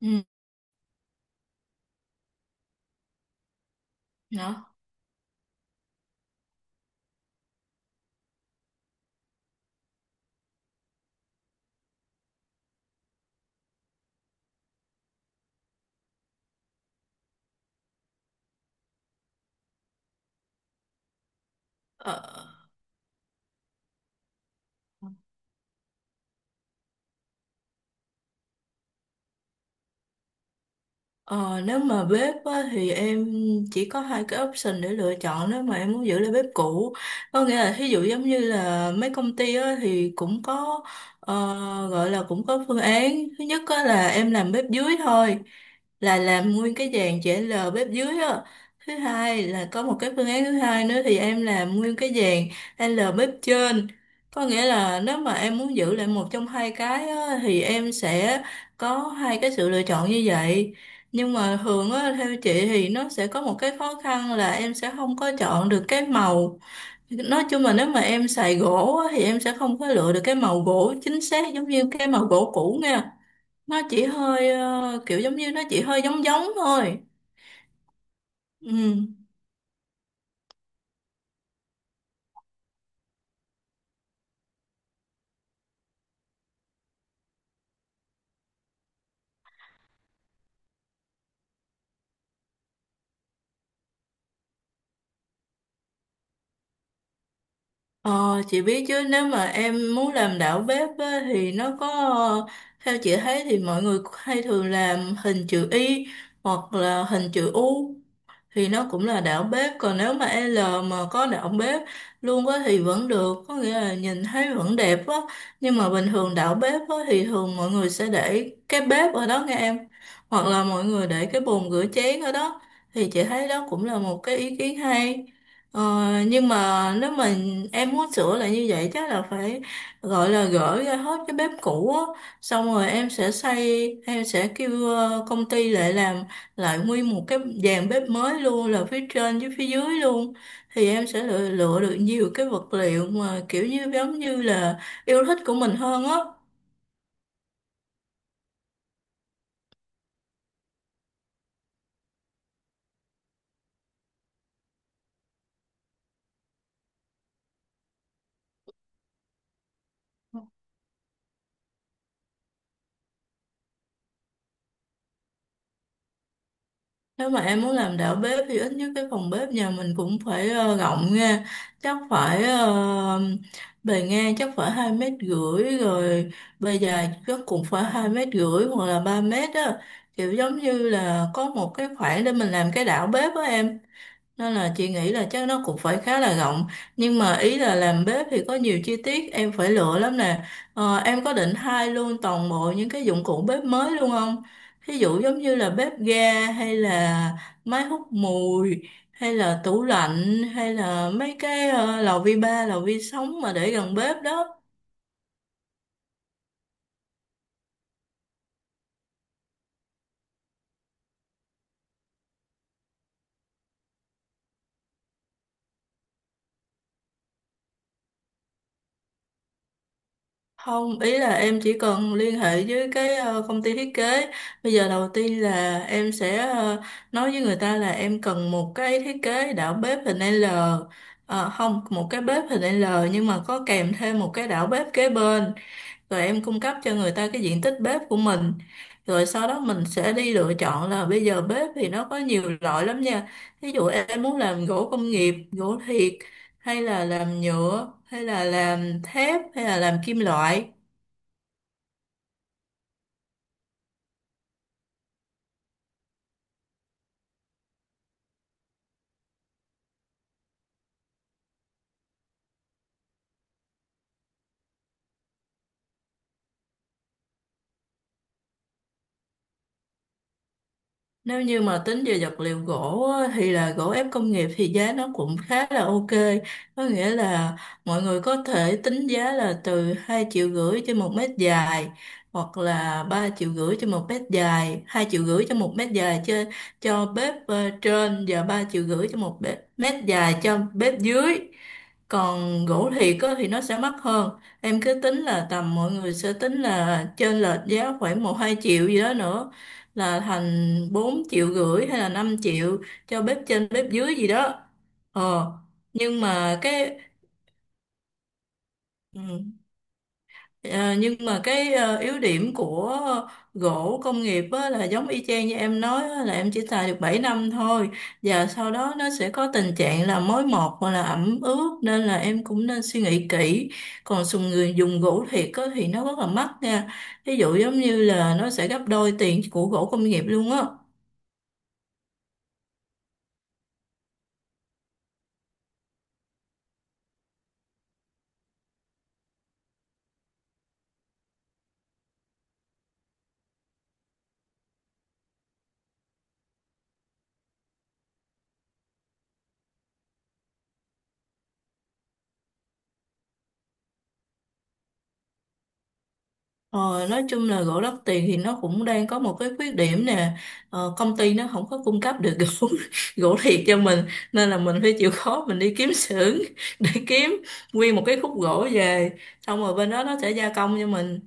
Ừ. nó, Ờ, Ờ, Nếu mà bếp á, thì em chỉ có hai cái option để lựa chọn nếu mà em muốn giữ lại bếp cũ, có nghĩa là thí dụ giống như là mấy công ty á, thì cũng có ờ, gọi là cũng có phương án. Thứ nhất á, là em làm bếp dưới thôi, là làm nguyên cái dàn chữ L bếp dưới á. Thứ hai là có một cái phương án thứ hai nữa, thì em làm nguyên cái dàn L bếp trên. Có nghĩa là nếu mà em muốn giữ lại một trong hai cái á, thì em sẽ có hai cái sự lựa chọn như vậy. Nhưng mà thường á, theo chị thì nó sẽ có một cái khó khăn là em sẽ không có chọn được cái màu. Nói chung là nếu mà em xài gỗ á, thì em sẽ không có lựa được cái màu gỗ chính xác giống như cái màu gỗ cũ nha. Nó chỉ hơi kiểu giống như nó chỉ hơi giống giống thôi. Ừ. Ờ, chị biết chứ, nếu mà em muốn làm đảo bếp á, thì nó có ờ, theo chị thấy thì mọi người hay thường làm hình chữ Y hoặc là hình chữ U thì nó cũng là đảo bếp. Còn nếu mà L mà có đảo bếp luôn á thì vẫn được, có nghĩa là nhìn thấy vẫn đẹp á. Nhưng mà bình thường đảo bếp á thì thường mọi người sẽ để cái bếp ở đó nghe em, hoặc là mọi người để cái bồn rửa chén ở đó, thì chị thấy đó cũng là một cái ý kiến hay. Nhưng mà nếu mà em muốn sửa lại như vậy chắc là phải gọi là gỡ ra hết cái bếp cũ á, xong rồi em sẽ xây, em sẽ kêu công ty lại làm lại nguyên một cái dàn bếp mới luôn, là phía trên với phía dưới luôn, thì em sẽ lựa được nhiều cái vật liệu mà kiểu như giống như là yêu thích của mình hơn á. Nếu mà em muốn làm đạo bếp thì ít nhất cái phòng bếp nhà mình cũng phải rộng nha. Chắc phải bề ngang chắc phải 2,5 m rồi, bề dài chắc cũng phải 2,5 m hoặc là 3 m á, kiểu giống như là có một cái khoảng để mình làm cái đảo bếp á em. Nên là chị nghĩ là chắc nó cũng phải khá là rộng. Nhưng mà ý là làm bếp thì có nhiều chi tiết em phải lựa lắm nè. Em có định thay luôn toàn bộ những cái dụng cụ bếp mới luôn không? Ví dụ giống như là bếp ga hay là máy hút mùi, hay là tủ lạnh, hay là mấy cái lò vi ba, lò vi sóng mà để gần bếp đó. Không, ý là em chỉ cần liên hệ với cái công ty thiết kế. Bây giờ đầu tiên là em sẽ nói với người ta là em cần một cái thiết kế đảo bếp hình L. Không, một cái bếp hình L nhưng mà có kèm thêm một cái đảo bếp kế bên. Rồi em cung cấp cho người ta cái diện tích bếp của mình. Rồi sau đó mình sẽ đi lựa chọn là bây giờ bếp thì nó có nhiều loại lắm nha. Ví dụ em muốn làm gỗ công nghiệp, gỗ thiệt, hay là làm nhựa, hay là làm thép, hay là làm kim loại. Nếu như mà tính về vật liệu gỗ á, thì là gỗ ép công nghiệp thì giá nó cũng khá là ok. Có nghĩa là mọi người có thể tính giá là từ 2,5 triệu trên một mét dài hoặc là 3,5 triệu trên một mét dài, 2,5 triệu cho một mét dài cho bếp trên và 3,5 triệu cho một bếp, mét dài cho bếp dưới. Còn gỗ thiệt á, thì nó sẽ mắc hơn. Em cứ tính là tầm mọi người sẽ tính là trên lệch giá khoảng 1-2 triệu gì đó nữa, là thành 4,5 triệu hay là 5 triệu cho bếp trên bếp dưới gì đó. ờ nhưng mà cái ừ, ờ, nhưng mà cái yếu điểm của gỗ công nghiệp á, là giống y chang như em nói á, là em chỉ xài được 7 năm thôi, và sau đó nó sẽ có tình trạng là mối mọt hoặc là ẩm ướt, nên là em cũng nên suy nghĩ kỹ. Còn người dùng gỗ thiệt á, thì nó rất là mắc nha, ví dụ giống như là nó sẽ gấp đôi tiền của gỗ công nghiệp luôn á. Ờ, nói chung là gỗ lót tiền thì nó cũng đang có một cái khuyết điểm nè. Công ty nó không có cung cấp được gỗ gỗ thiệt cho mình, nên là mình phải chịu khó mình đi kiếm xưởng để kiếm nguyên một cái khúc gỗ về, xong rồi bên đó nó sẽ gia công cho mình.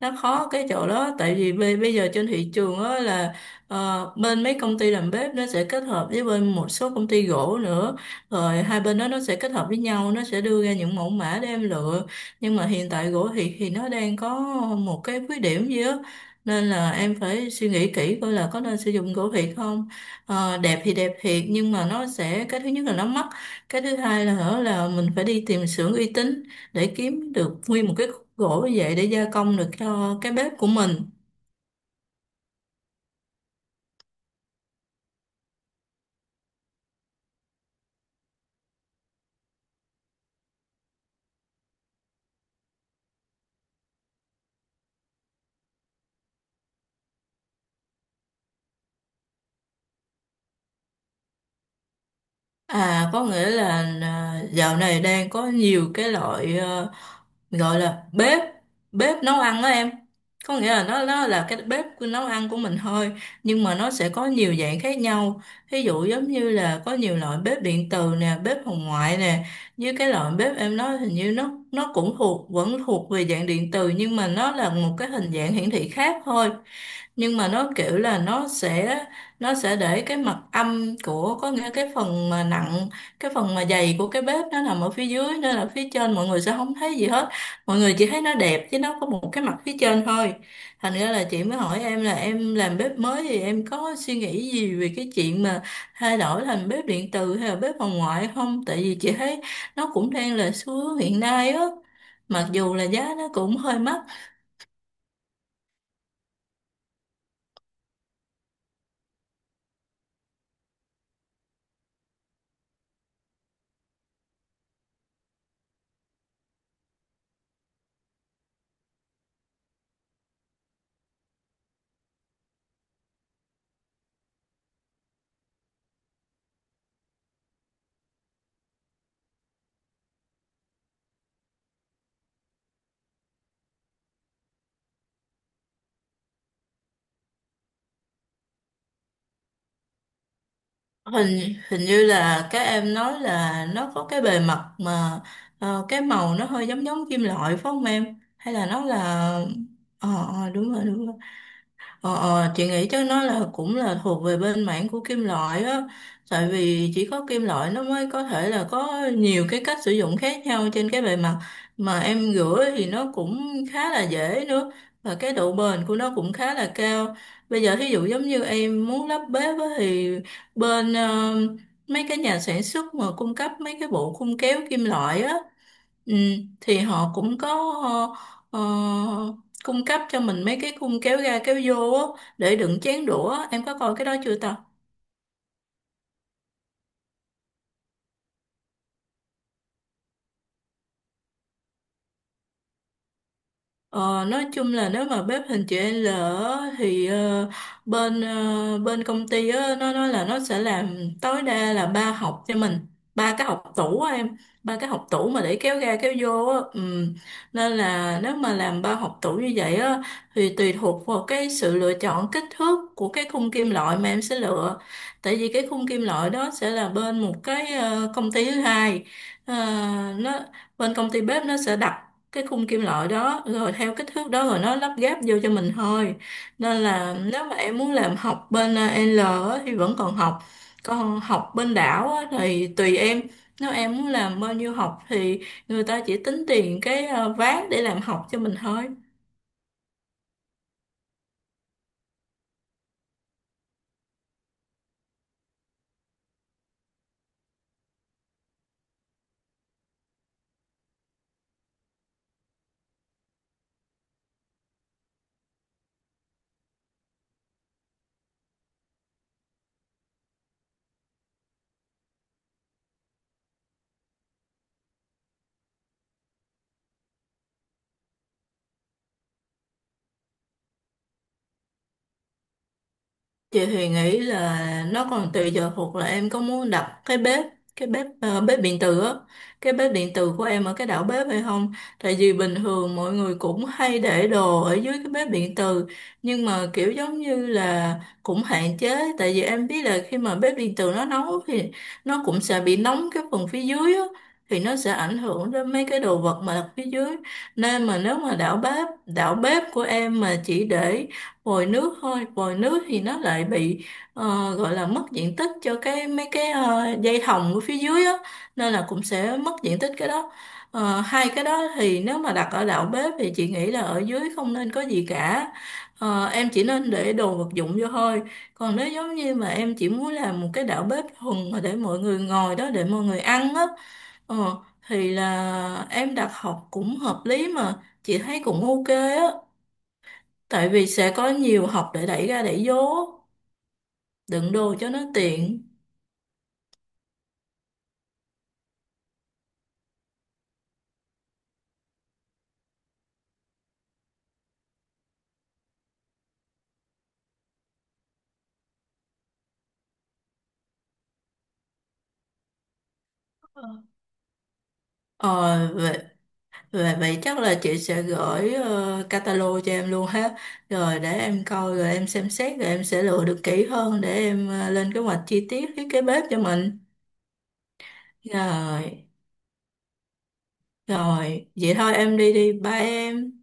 Nó khó cái chỗ đó, tại vì bây bây giờ trên thị trường á là bên mấy công ty làm bếp nó sẽ kết hợp với bên một số công ty gỗ nữa, rồi hai bên đó nó sẽ kết hợp với nhau, nó sẽ đưa ra những mẫu mã để em lựa. Nhưng mà hiện tại gỗ thì nó đang có một cái khuyết điểm gì á, nên là em phải suy nghĩ kỹ coi là có nên sử dụng gỗ thiệt không. Ờ, đẹp thì đẹp thiệt nhưng mà nó sẽ, cái thứ nhất là nó mắc, cái thứ hai là hở là mình phải đi tìm xưởng uy tín để kiếm được nguyên một cái khúc gỗ như vậy để gia công được cho cái bếp của mình. À có nghĩa là à, dạo này đang có nhiều cái loại gọi là bếp bếp nấu ăn đó em. Có nghĩa là nó là cái bếp của nấu ăn của mình thôi, nhưng mà nó sẽ có nhiều dạng khác nhau. Ví dụ giống như là có nhiều loại bếp điện từ nè, bếp hồng ngoại nè. Như cái loại bếp em nói hình như nó cũng thuộc vẫn thuộc về dạng điện từ, nhưng mà nó là một cái hình dạng hiển thị khác thôi. Nhưng mà nó kiểu là nó sẽ để cái mặt âm của, có nghĩa cái phần mà nặng, cái phần mà dày của cái bếp nó nằm ở phía dưới nên là phía trên mọi người sẽ không thấy gì hết. Mọi người chỉ thấy nó đẹp chứ nó có một cái mặt phía trên thôi. Thành ra là chị mới hỏi em là em làm bếp mới thì em có suy nghĩ gì về cái chuyện mà thay đổi thành bếp điện từ hay là bếp phòng ngoại không, tại vì chị thấy nó cũng đang là xu hướng hiện nay á, mặc dù là giá nó cũng hơi mắc. Hình hình như là các em nói là nó có cái bề mặt mà cái màu nó hơi giống giống kim loại phải không em, hay là nó là ờ, đúng rồi đúng rồi. Ờ, ờ, chị nghĩ chắc nó là cũng là thuộc về bên mảng của kim loại á, tại vì chỉ có kim loại nó mới có thể là có nhiều cái cách sử dụng khác nhau trên cái bề mặt mà em rửa thì nó cũng khá là dễ nữa, và cái độ bền của nó cũng khá là cao. Bây giờ thí dụ giống như em muốn lắp bếp á, thì bên mấy cái nhà sản xuất mà cung cấp mấy cái bộ khung kéo kim loại á. Ừ, thì họ cũng có ờ, cung cấp cho mình mấy cái khung kéo ra kéo vô á, để đựng chén đũa em có coi cái đó chưa ta. Ờ, nói chung là nếu mà bếp hình chữ L á, thì bên công ty á, nó nói là nó sẽ làm tối đa là ba học cho mình, ba cái học tủ á em, ba cái học tủ mà để kéo ra kéo vô á. Ừ. Nên là nếu mà làm ba học tủ như vậy á thì tùy thuộc vào cái sự lựa chọn kích thước của cái khung kim loại mà em sẽ lựa, tại vì cái khung kim loại đó sẽ là bên một cái công ty thứ hai. Ờ, nó Bên công ty bếp nó sẽ đặt cái khung kim loại đó rồi theo kích thước đó rồi nó lắp ghép vô cho mình thôi. Nên là nếu mà em muốn làm học bên L á, thì vẫn còn học. Còn học bên đảo á, thì tùy em, nếu em muốn làm bao nhiêu học thì người ta chỉ tính tiền cái ván để làm học cho mình thôi. Chị thì nghĩ là nó còn tùy giờ thuộc là em có muốn đặt cái bếp, bếp điện tử á, cái bếp điện tử của em ở cái đảo bếp hay không. Tại vì bình thường mọi người cũng hay để đồ ở dưới cái bếp điện tử, nhưng mà kiểu giống như là cũng hạn chế, tại vì em biết là khi mà bếp điện tử nó nấu thì nó cũng sẽ bị nóng cái phần phía dưới á, thì nó sẽ ảnh hưởng đến mấy cái đồ vật mà đặt phía dưới. Nên mà nếu mà đảo bếp của em mà chỉ để vòi nước thôi, vòi nước thì nó lại bị gọi là mất diện tích cho mấy cái dây thòng ở phía dưới á, nên là cũng sẽ mất diện tích cái đó. Hai cái đó thì nếu mà đặt ở đạo bếp thì chị nghĩ là ở dưới không nên có gì cả. Em chỉ nên để đồ vật dụng vô thôi. Còn nếu giống như mà em chỉ muốn làm một cái đạo bếp thuần mà để mọi người ngồi đó để mọi người ăn á, ờ, thì là em đặt học cũng hợp lý mà, chị thấy cũng ok á. Tại vì sẽ có nhiều hộp để đẩy ra đẩy vô, đựng đồ cho nó tiện. Ờ, Vậy, vậy, vậy chắc là chị sẽ gửi catalog cho em luôn ha. Rồi để em coi, rồi em xem xét, rồi em sẽ lựa được kỹ hơn để em lên kế hoạch chi tiết thiết kế bếp cho mình. Rồi, rồi, vậy thôi em đi đi, bye em.